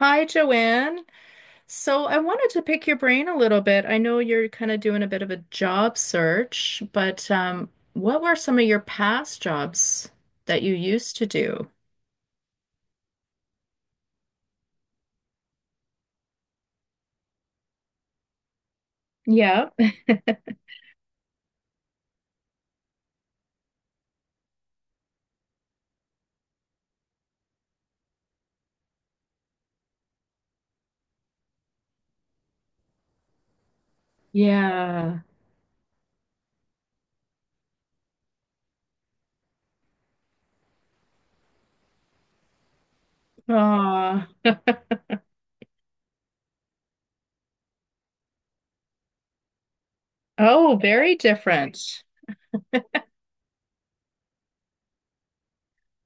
Hi, Joanne. So I wanted to pick your brain a little bit. I know you're kind of doing a bit of a job search, but what were some of your past jobs that you used to do? Yeah. Yeah. Aw. Oh, very different.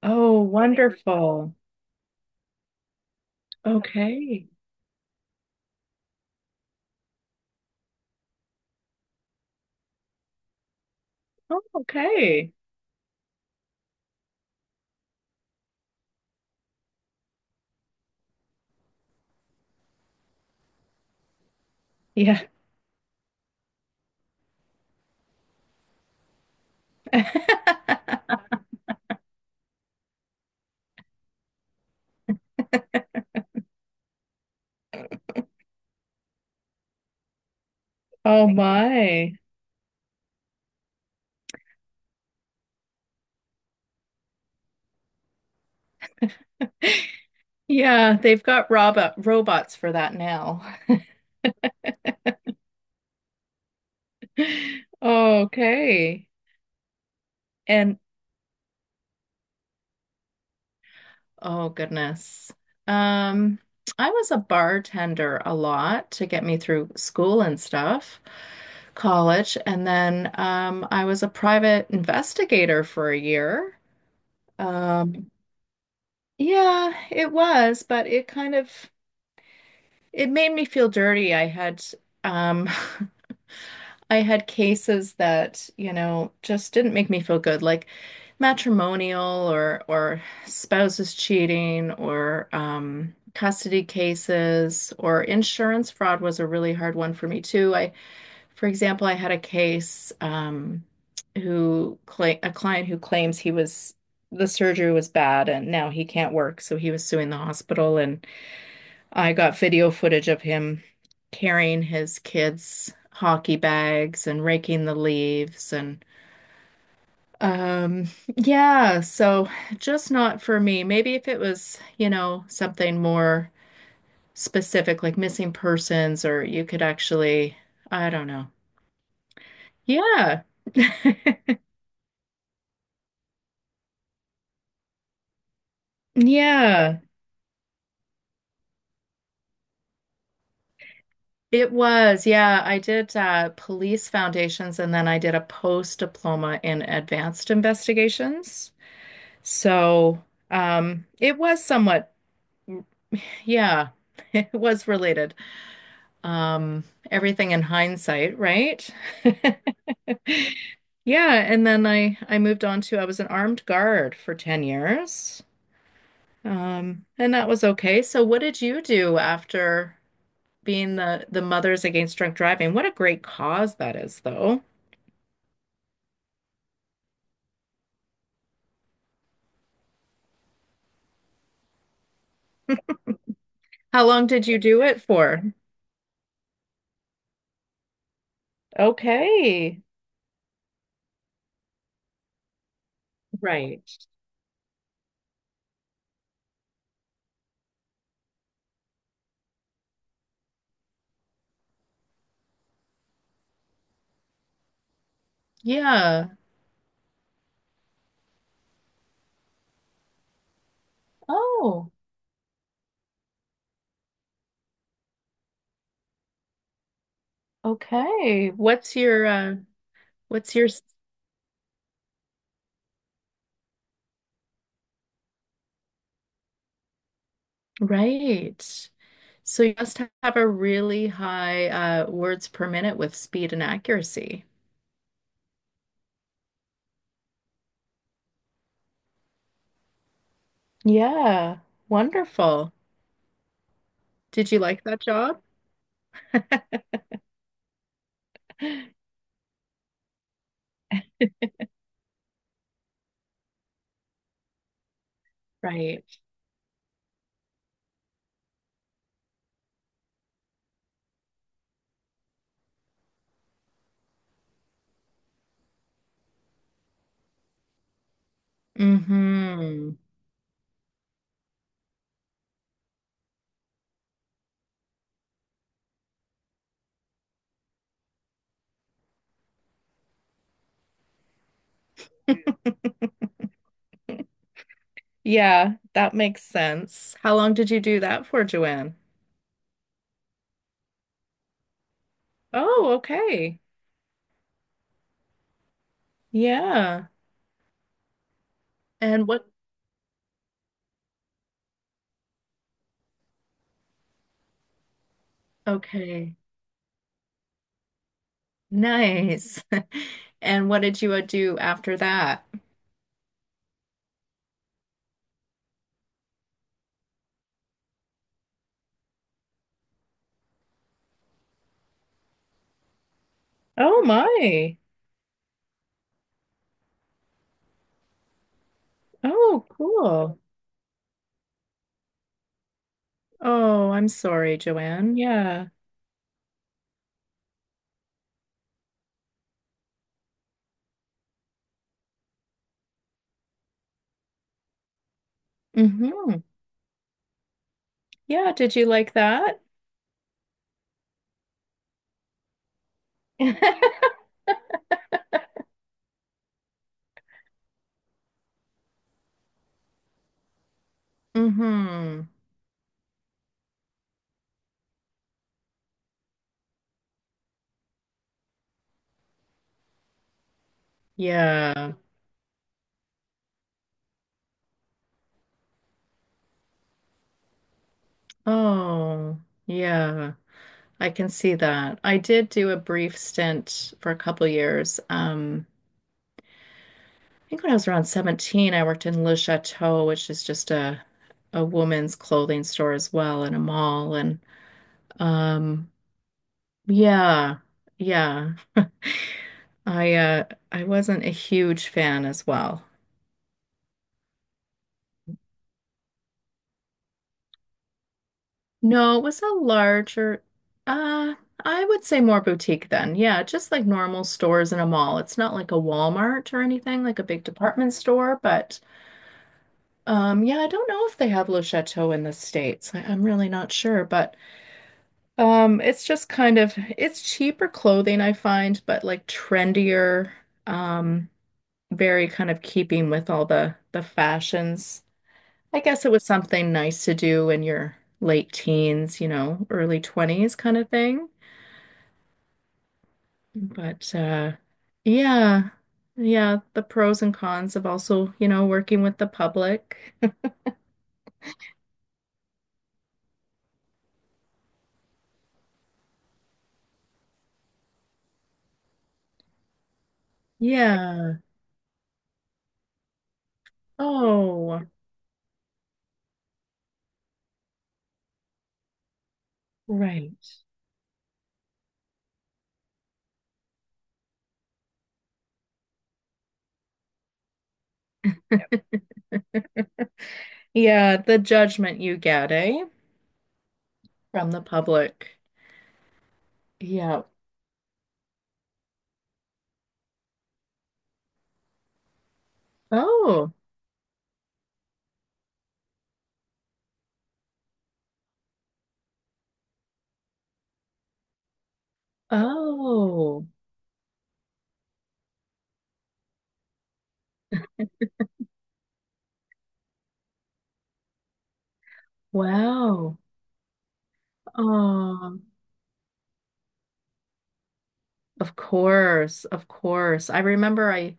Oh, wonderful. Okay. Oh, okay. Yeah. Oh my. Yeah, they've got robots for that now. Okay. And oh goodness. Um, I was a bartender a lot to get me through school and stuff, college, and then I was a private investigator for a year. Um, yeah, it was, but it kind of it made me feel dirty. I had um I had cases that, you know, just didn't make me feel good, like matrimonial or spouses cheating or custody cases or insurance fraud was a really hard one for me too. I, for example, I had a case who cla a client who claims he was the surgery was bad and now he can't work, so he was suing the hospital and I got video footage of him carrying his kids' hockey bags and raking the leaves and um yeah, so just not for me. Maybe if it was, you know, something more specific like missing persons or you could actually, I don't know. Yeah. Yeah, it was. Yeah, I did police foundations and then I did a post diploma in advanced investigations. So, it was somewhat, yeah, it was related. Um, everything in hindsight, right? Yeah, and then I moved on to I was an armed guard for 10 years. And that was okay. So what did you do after being the Mothers Against Drunk Driving? What a great cause that is, though. How long did you do it for? Okay. Right. Yeah. Oh. Okay. What's your what's your s- right? So you must have a really high words per minute with speed and accuracy. Yeah, wonderful. Did you like that job? Right. Mm-hmm. Yeah, that makes sense. How long did you do that for, Joanne? Oh, okay. Yeah. And what? Okay. Nice. And what did you do after that? Oh my. Oh, cool. Oh, I'm sorry, Joanne. Yeah. Mm-hmm. Yeah, did you like that? Mm-hmm. Yeah. Oh, yeah. I can see that. I did do a brief stint for a couple years. I think when I was around 17, I worked in Le Chateau, which is just a woman's clothing store as well in a mall. And um, yeah, yeah. I wasn't a huge fan as well. No, it was a larger, uh, I would say more boutique then. Yeah, just like normal stores in a mall. It's not like a Walmart or anything, like a big department store, but yeah, I don't know if they have Le Chateau in the States. I'm really not sure, but it's just kind of it's cheaper clothing I find, but like trendier, um, very kind of keeping with all the fashions. I guess it was something nice to do in your late teens, you know, early 20s kind of thing. But yeah. Yeah, the pros and cons of also, you know, working with the public. Yeah. Oh, right. Yeah, the judgment you get, eh? From the public. Yeah. Oh. Oh. Wow. Oh. Of course. Of course. I remember I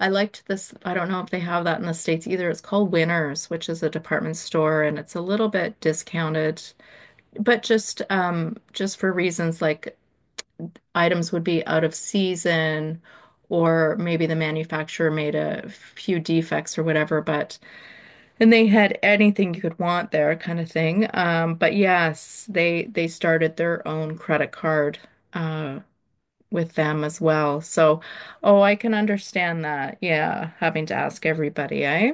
I liked this. I don't know if they have that in the States either. It's called Winners, which is a department store, and it's a little bit discounted, but just for reasons like items would be out of season or maybe the manufacturer made a few defects or whatever, but and they had anything you could want there kind of thing. But yes, they started their own credit card uh with them as well. So, oh, I can understand that. Yeah, having to ask everybody, eh?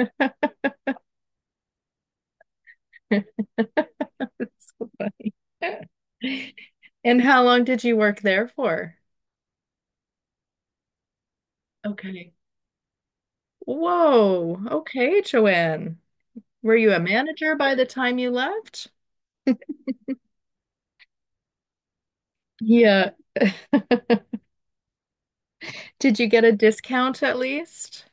It's so funny. And how long did you work there for? Okay. Whoa. Okay, Joanne. Were you a manager by the time you left? Yeah. Did you get a discount at least?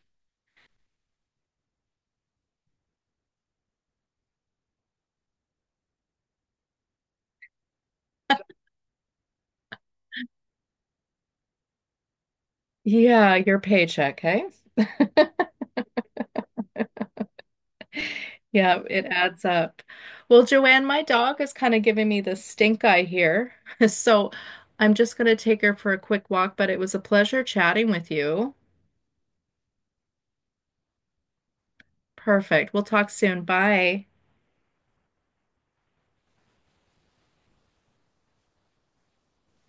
Yeah, your paycheck, hey? Yeah, it adds up. Well, Joanne, my dog is kind of giving me the stink eye here. So I'm just going to take her for a quick walk, but it was a pleasure chatting with you. Perfect. We'll talk soon. Bye.